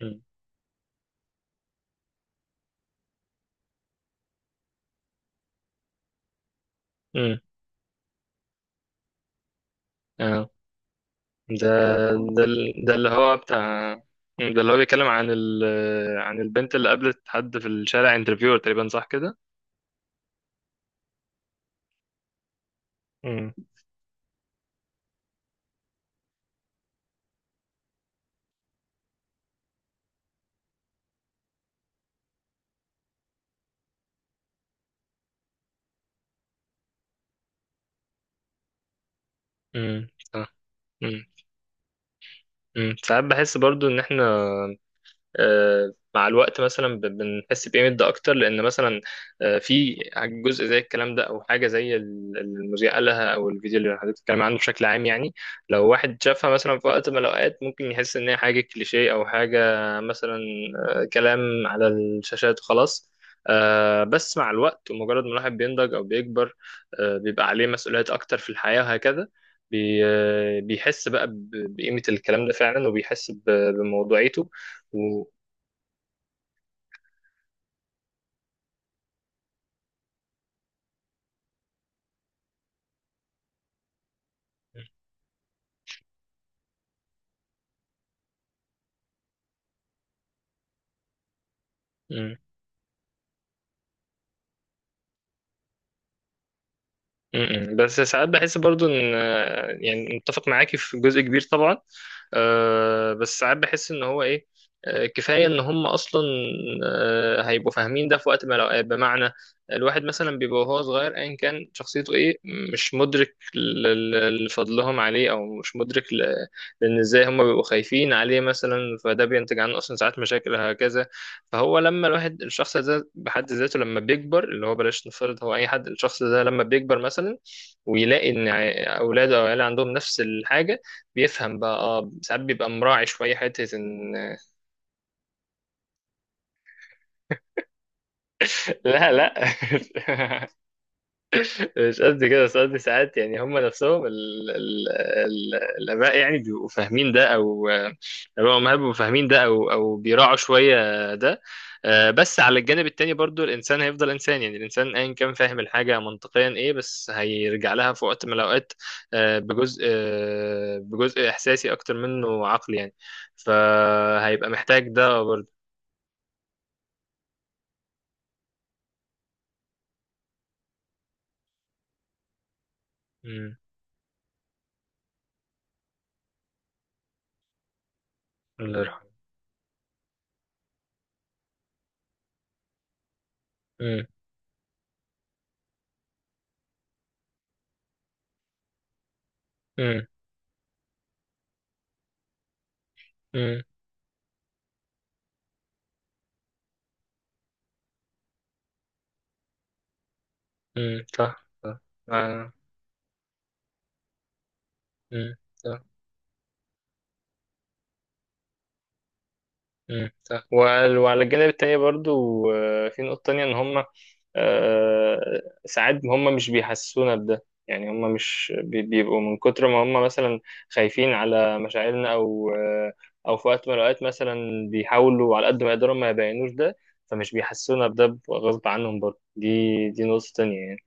مم. مم. اه. ده ده ال- ده اللي هو بتاع ده اللي هو بيتكلم عن عن البنت اللي قابلت حد في الشارع، انترفيور تقريبا، صح كده؟ امم. صح. امم. ساعات بحس برضو ان احنا، مع الوقت مثلا بنحس بقيمة ده أكتر، لأن مثلا في جزء زي الكلام ده، أو حاجة زي المذيع قالها، أو الفيديو اللي حضرتك بتتكلم عنه بشكل عام يعني. لو واحد شافها مثلا في وقت من الأوقات، ممكن يحس إن هي حاجة كليشيه أو حاجة مثلا، كلام على الشاشات وخلاص. بس مع الوقت ومجرد ما الواحد بينضج أو بيكبر، بيبقى عليه مسؤوليات أكتر في الحياة وهكذا. بيحس بقى بقيمة الكلام ده فعلا، وبيحس بموضوعيته. مم. مم. بس ساعات بحس برضو ان، يعني متفق معاكي في جزء كبير طبعا. بس ساعات بحس ان هو ايه، كفايه ان هم اصلا هيبقوا فاهمين ده في وقت ما الأوقات. بمعنى، الواحد مثلا بيبقى وهو صغير ايا كان شخصيته ايه، مش مدرك لفضلهم عليه، او مش مدرك لان ازاي هم بيبقوا خايفين عليه مثلا، فده بينتج عنه اصلا ساعات مشاكل هكذا. فهو لما الواحد الشخص ده بحد ذاته لما بيكبر، اللي هو بلاش نفترض، هو اي حد الشخص ده لما بيكبر مثلا ويلاقي ان اولاده او عياله عندهم نفس الحاجه، بيفهم بقى. اه، ساعات بيبقى مراعي شويه حته ان لا، لا. مش قد كده، بس قصدي ساعات يعني هم نفسهم ال ال ال الآباء يعني بيبقوا فاهمين ده، أو الآباء والأمهات بيبقوا فاهمين ده أو بيراعوا شوية ده. بس على الجانب التاني برضو الإنسان هيفضل إنسان، يعني الإنسان أيا كان فاهم الحاجة منطقيا إيه، بس هيرجع لها في وقت من الأوقات بجزء إحساسي أكتر منه عقلي يعني، فهيبقى محتاج ده برضو. مم. الله يرحمه. مم. مم. مم. مم. صح، صح. آه. مم. صح. مم، صح. وعلى الجانب التاني برضو، في نقطة تانية إن هما، ساعات هما مش بيحسسونا بده، يعني هما مش بي- بيبقوا من كتر ما هما مثلا خايفين على مشاعرنا، أو أو في وقت من الأوقات مثلا بيحاولوا على قد ما يقدروا ما يبينوش ده، فمش بيحسسونا بده غصب عنهم برضو. دي نقطة تانية يعني،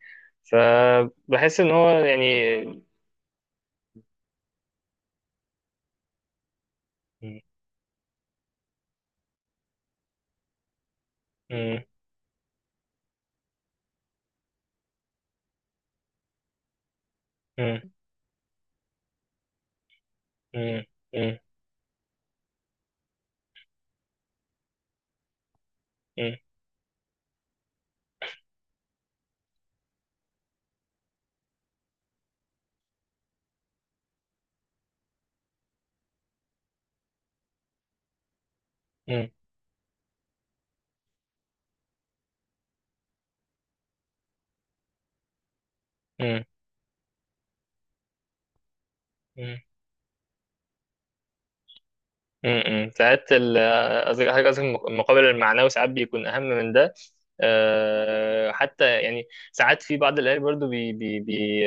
فبحس إن هو يعني. مم. مم. مم. مم. مم. مم. مم. مم. امم، ساعات ال- قصدي حاجة قصدي المقابل المعنوي ساعات بيكون أهم من ده. حتى يعني ساعات في بعض الأهالي برضو بي بي بي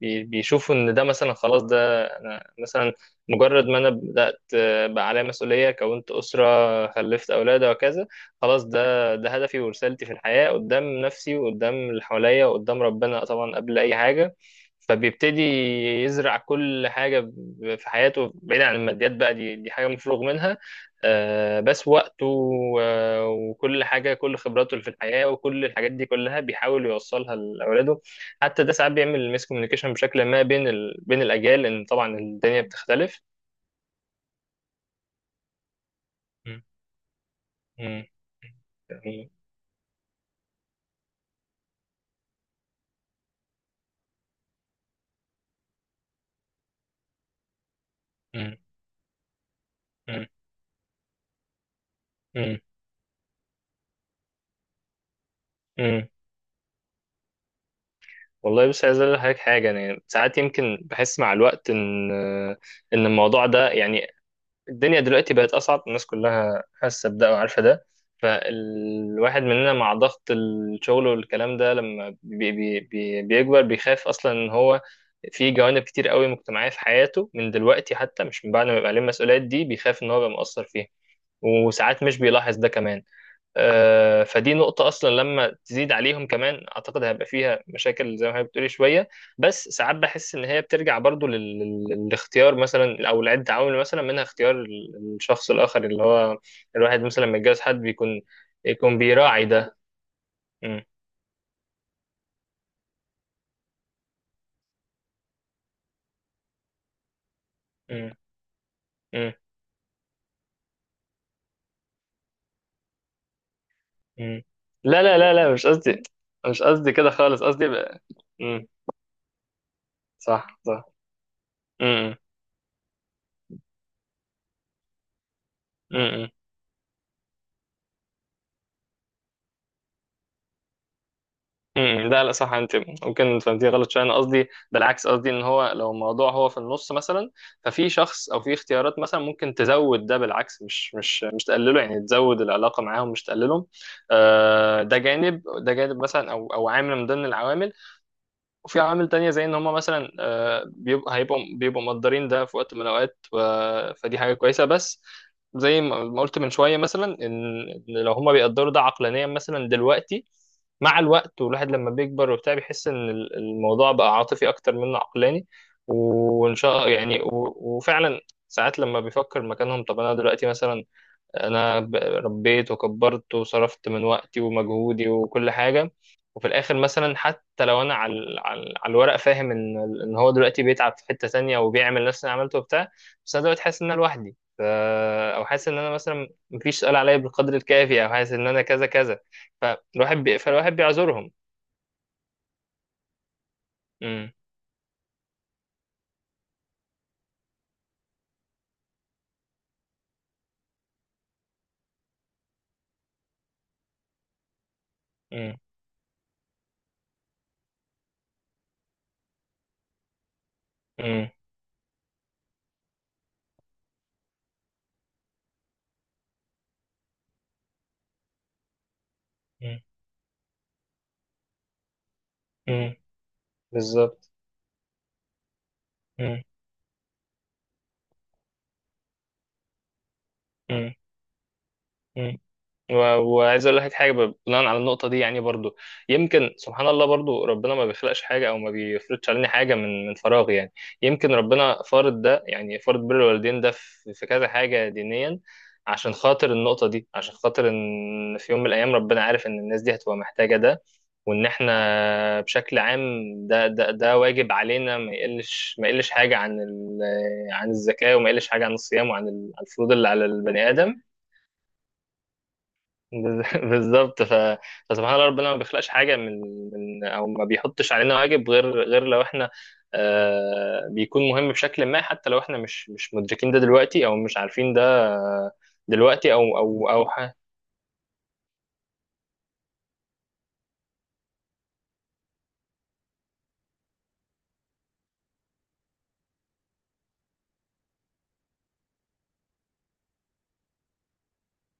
بي- بيشوفوا إن ده، مثلا خلاص ده أنا مثلا مجرد ما أنا بدأت، بقى عليا مسؤولية كونت أسرة خلفت أولاد وكذا، خلاص ده هدفي ورسالتي في الحياة قدام نفسي وقدام اللي حواليا وقدام ربنا طبعا قبل أي حاجة. فبيبتدي يزرع كل حاجة في حياته، بعيد عن الماديات بقى، دي حاجة مفروغ منها. بس وقته وكل حاجة، كل خبراته اللي في الحياة وكل الحاجات دي كلها بيحاول يوصلها لأولاده. حتى ده ساعات بيعمل ميس كوميونيكيشن بشكل ما بين بين الأجيال، لأن طبعا الدنيا بتختلف. مم. مم. مم. مم. مم. مم. والله بص، عايز اقول لحضرتك حاجه، يعني ساعات يمكن بحس مع الوقت ان، الموضوع ده يعني، الدنيا دلوقتي بقت أصعب، الناس كلها حاسة بده وعارفة ده. فالواحد مننا مع ضغط الشغل والكلام ده لما بي بي بي بيكبر، بيخاف أصلا إن هو في جوانب كتير قوي مجتمعية في حياته من دلوقتي، حتى مش من بعد ما يبقى عليه المسؤوليات دي، بيخاف إن هو يبقى مقصر فيها، وساعات مش بيلاحظ ده كمان. فدي نقطة أصلا لما تزيد عليهم كمان، أعتقد هيبقى فيها مشاكل زي ما هي بتقولي شوية. بس ساعات بحس إن هي بترجع برضو للاختيار مثلا، أو لعدة عوامل مثلا منها اختيار الشخص الآخر اللي هو، الواحد مثلا لما يتجوز حد بيكون بيراعي ده. م- م- م- م. لا لا لا لا، مش قصدي، مش قصدي كده خالص، قصدي بقى. م. صح، صح. م- م- م- م. امم، لا لا صح. انت ممكن فهمتيه غلط شويه. انا قصدي بالعكس، قصدي ان هو لو الموضوع هو في النص مثلا، ففي شخص او في اختيارات مثلا ممكن تزود ده بالعكس، مش تقلله، يعني تزود العلاقه معاهم مش تقللهم. ده جانب مثلا او عامل من ضمن العوامل. وفي عوامل تانية زي ان هم مثلا بيبقوا بيبقوا مقدرين ده في وقت من الاوقات، فدي حاجه كويسه. بس زي ما قلت من شويه مثلا ان، إن لو هم بيقدروا ده عقلانيا مثلا دلوقتي، مع الوقت والواحد لما بيكبر وبتاع، بيحس ان الموضوع بقى عاطفي اكتر منه عقلاني. وان شاء يعني وفعلا ساعات لما بيفكر مكانهم، طب انا دلوقتي مثلا، انا ربيت وكبرت وصرفت من وقتي ومجهودي وكل حاجه، وفي الاخر مثلا حتى لو انا على على الورق فاهم ان، ان هو دلوقتي بيتعب في حته تانية وبيعمل نفس اللي عملته وبتاع، بس انا دلوقتي حاسس ان انا لوحدي او حاسس ان انا مثلا مفيش سؤال عليا بالقدر الكافي، او حاسس ان انا كذا كذا، فالواحد بيعذرهم. امم. امم. امم. امم. بالظبط. امم. وعايز اقول لك حاجه بناء على النقطه دي يعني برضو، يمكن سبحان الله برضو ربنا ما بيخلقش حاجه او ما بيفرضش علينا حاجه من فراغ يعني. يمكن ربنا فارض ده، يعني فارض بر الوالدين ده في كذا حاجه دينيا، عشان خاطر النقطه دي، عشان خاطر ان في يوم من الايام ربنا عارف ان الناس دي هتبقى محتاجه ده. وان احنا بشكل عام، ده واجب علينا، ما يقلش حاجه عن عن الزكاه، وما يقلش حاجه عن الصيام وعن عن الفروض اللي على البني ادم. بالظبط. فسبحان الله ربنا ما بيخلقش حاجه من من او ما بيحطش علينا واجب غير لو احنا، آه، بيكون مهم بشكل ما، حتى لو احنا مش مدركين ده دلوقتي، او مش عارفين ده دلوقتي او او او ح...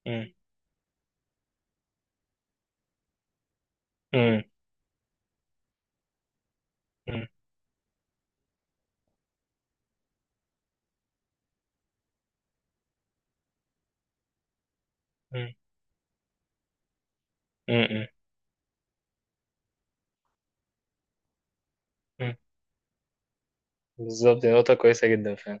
م- م- م- م- م- م- م- بالظبط، دي نقطه كويسه جدا فعلا.